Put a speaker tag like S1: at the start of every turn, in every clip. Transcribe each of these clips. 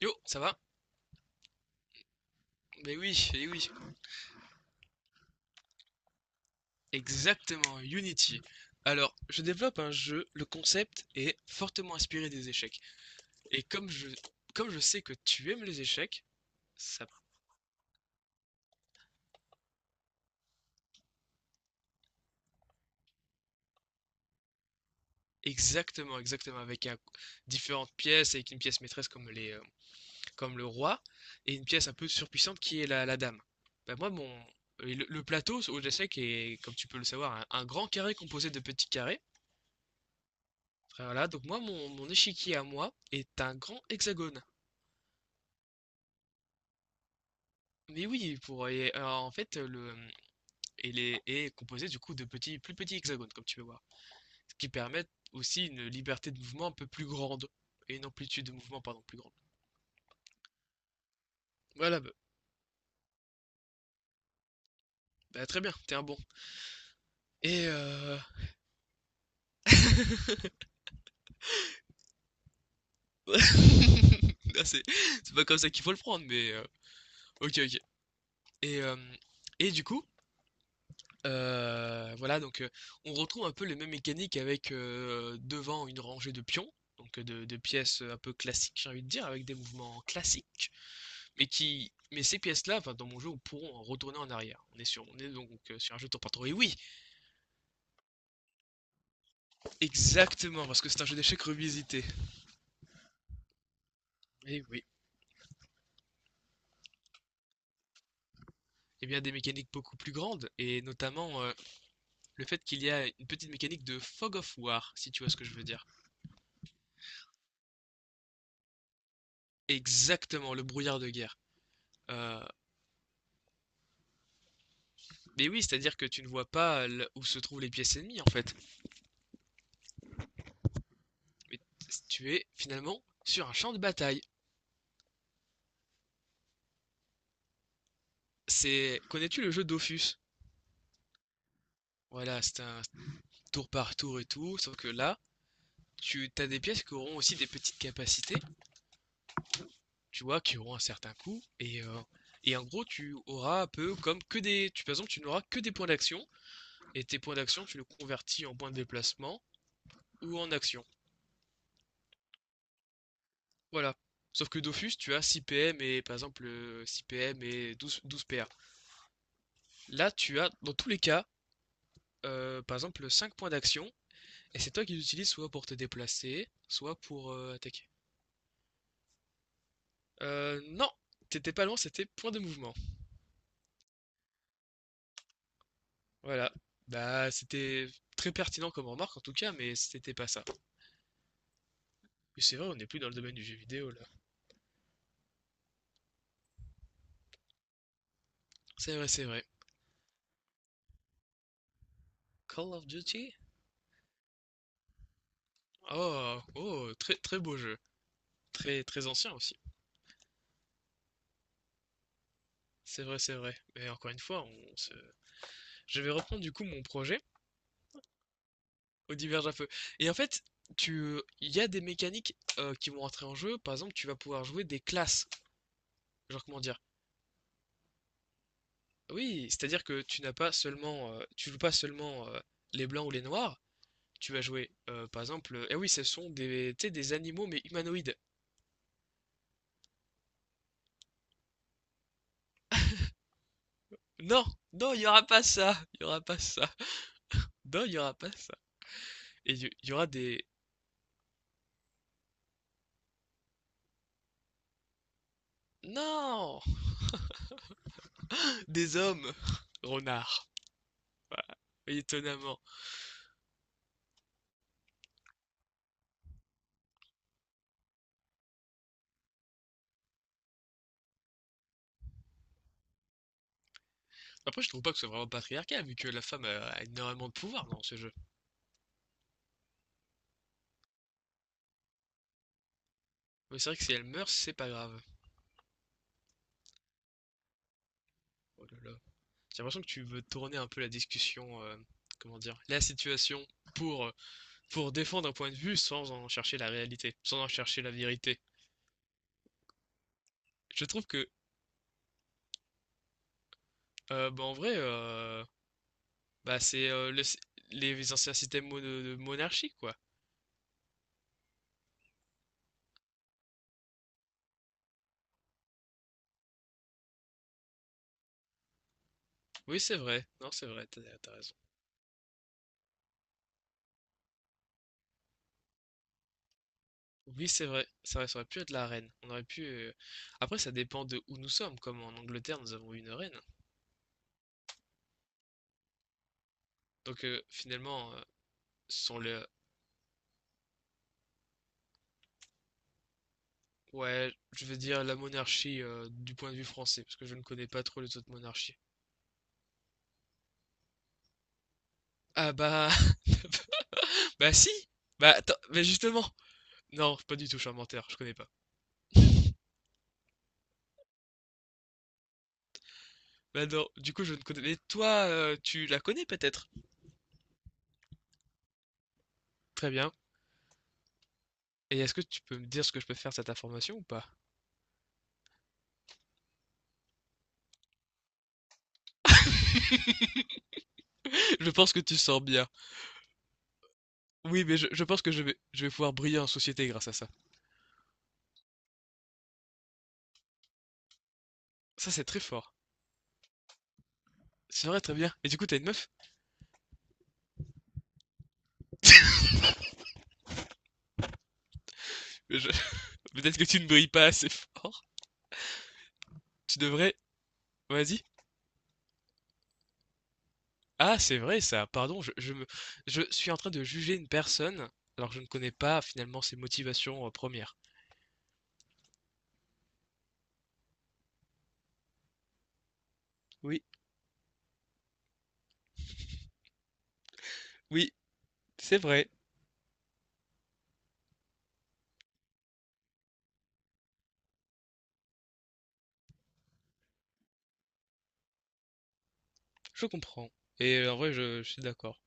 S1: Yo, ça va? Mais oui, eh oui, exactement, Unity. Alors, je développe un jeu, le concept est fortement inspiré des échecs. Et comme je sais que tu aimes les échecs, ça... Exactement, exactement, avec différentes pièces, avec une pièce maîtresse comme comme le roi, et une pièce un peu surpuissante qui est la dame. Bah, moi, mon... et le plateau aux échecs est, comme tu peux le savoir, un grand carré composé de petits carrés. Voilà, donc moi, mon échiquier à moi est un grand hexagone. Mais oui, pour et alors, en fait, le il est composé du coup de petits plus petits hexagones comme tu peux voir, ce qui permet aussi une liberté de mouvement un peu plus grande et une amplitude de mouvement pardon plus grande. Voilà, bah, bah, très bien, t'es un bon. Et euh... Ah, c'est pas comme ça qu'il faut le prendre, mais, ok ok. Et euh, et du coup, voilà donc, on retrouve un peu les mêmes mécaniques avec, devant une rangée de pions, donc, de pièces un peu classiques j'ai envie de dire avec des mouvements classiques. Mais ces pièces-là, enfin, dans mon jeu, on pourront en retourner en arrière. On est donc, sur un jeu de tour par tour. Et oui, exactement, parce que c'est un jeu d'échecs revisité. Et oui, et bien des mécaniques beaucoup plus grandes, et notamment, le fait qu'il y a une petite mécanique de fog of war, si tu vois ce que je veux dire. Exactement, le brouillard de guerre. Euh, mais oui, c'est-à-dire que tu ne vois pas où se trouvent les pièces ennemies en fait. Mais tu es finalement sur un champ de bataille. Connais-tu le jeu Dofus? Voilà, c'est un tour par tour et tout, sauf que là, tu as des pièces qui auront aussi des petites capacités, tu vois, qui auront un certain coût. Et en gros, tu auras un peu comme que des. Tu, par exemple, tu n'auras que des points d'action, et tes points d'action, tu les convertis en points de déplacement ou en action. Voilà. Sauf que Dofus, tu as 6 PM et par exemple, six 6 PM et 12 12 PA. Là, tu as dans tous les cas, par exemple, 5 points d'action, et c'est toi qui les utilises soit pour te déplacer, soit pour, attaquer. Non, t'étais pas loin, c'était point de mouvement. Voilà. Bah, c'était très pertinent comme remarque en tout cas, mais c'était pas ça. Et c'est vrai, on n'est plus dans le domaine du jeu vidéo là. C'est vrai, c'est vrai. Call of Duty? Oh, oh, très très beau jeu. Très très ancien aussi. C'est vrai, c'est vrai. Mais encore une fois, on se... Je vais reprendre du coup mon projet au diverge à feu. Et en fait, il y a des mécaniques, qui vont rentrer en jeu. Par exemple, tu vas pouvoir jouer des classes. Genre comment dire? Oui, c'est-à-dire que tu n'as pas seulement, tu joues pas seulement, les blancs ou les noirs. Tu vas jouer, par exemple, eh oui, ce sont des, tu sais, des animaux mais humanoïdes. Non, non, il y aura pas ça, il y aura pas ça. Non, il y aura pas ça. Et il y aura des, non, des hommes, renards. Voilà. Étonnamment. Après, je trouve pas que c'est vraiment patriarcal, vu que la femme a énormément de pouvoir dans ce jeu. Mais c'est vrai que si elle meurt, c'est pas grave. Oh là là. J'ai l'impression que tu veux tourner un peu la discussion, comment dire, la situation pour, pour défendre un point de vue sans en chercher la réalité, sans en chercher la vérité. Je trouve que Bah, en vrai, bah, c'est, les anciens systèmes de monarchie, quoi. Oui, c'est vrai. Non, c'est vrai, t'as raison. Oui, c'est vrai. C'est vrai, ça aurait pu être la reine. On aurait pu, après, ça dépend de où nous sommes. Comme en Angleterre, nous avons une reine. Donc, finalement, ce sont les. Ouais, je veux dire la monarchie, du point de vue français, parce que je ne connais pas trop les autres monarchies. Ah bah. Bah si! Bah attends, mais justement! Non, pas du tout, je suis un menteur, je connais pas. Bah non, du coup, je ne connais. Mais toi, tu la connais peut-être? Très bien. Et est-ce que tu peux me dire ce que je peux faire de cette information ou pas? Je pense que tu sors bien. Oui, mais je pense que je vais pouvoir briller en société grâce à ça. Ça, c'est très fort. C'est vrai, très bien. Et du coup, t'as une meuf? Je- Peut-être que tu ne brilles pas assez fort. Tu devrais. Vas-y. Ah, c'est vrai ça. Pardon, je suis en train de juger une personne alors que je ne connais pas finalement ses motivations, premières. Oui, oui, c'est vrai. Je comprends. Et en vrai, je suis d'accord.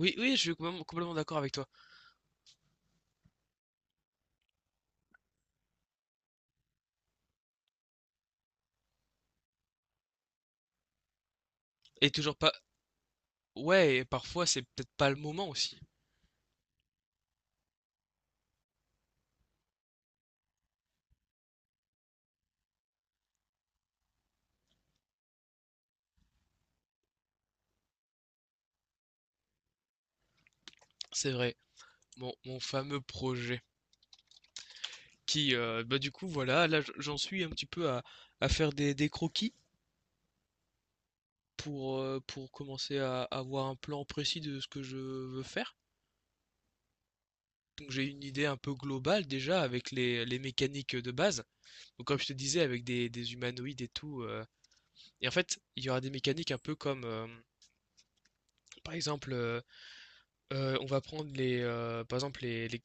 S1: Oui, oui, je suis complètement complètement d'accord avec toi. Et toujours pas. Ouais, et parfois c'est peut-être pas le moment aussi. C'est vrai. Mon fameux projet. Qui, bah du coup, voilà, là j'en suis un petit peu à faire des croquis pour, pour commencer à avoir un plan précis de ce que je veux faire. Donc j'ai une idée un peu globale déjà avec les mécaniques de base. Donc comme je te disais, avec des humanoïdes et tout, et en fait, il y aura des mécaniques un peu comme, par exemple, on va prendre les, par exemple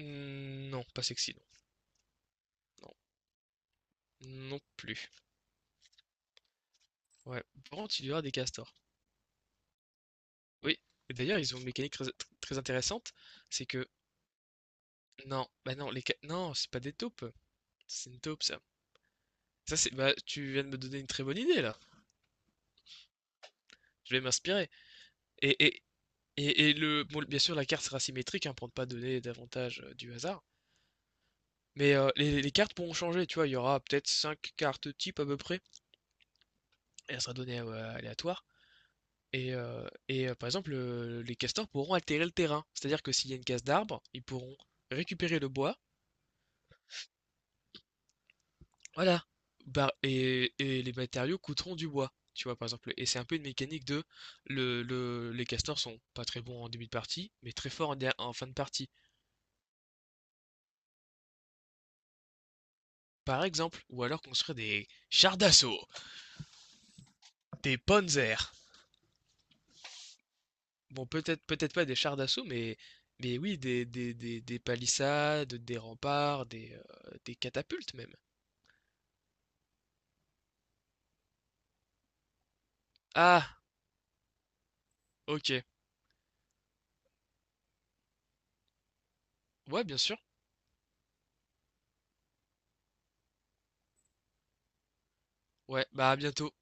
S1: hmm, non, pas sexy, non, non, non plus. Ouais, par contre, il y aura des castors. Oui. Et d'ailleurs, ils ont une mécanique très, très intéressante, c'est que non, bah non, non, c'est pas des taupes, c'est une taupe ça. Ça c'est, bah tu viens de me donner une très bonne idée là. Je vais m'inspirer. Et et et bon, bien sûr, la carte sera symétrique hein, pour ne pas donner davantage, du hasard. Mais, les cartes pourront changer, tu vois, il y aura peut-être 5 cartes types à peu près, et elle sera donnée, aléatoire. Et, par exemple, les castors pourront altérer le terrain. C'est-à-dire que s'il y a une casse d'arbre, ils pourront récupérer le bois. Voilà. Bah, et les matériaux coûteront du bois. Tu vois, par exemple. Et c'est un peu une mécanique de les castors sont pas très bons en début de partie, mais très forts en fin de partie. Par exemple, ou alors construire des chars d'assaut, des panzers. Bon, peut-être pas des chars d'assaut, mais, oui, des palissades, des remparts, des catapultes même. Ah, ok. Ouais, bien sûr. Ouais, bah à bientôt.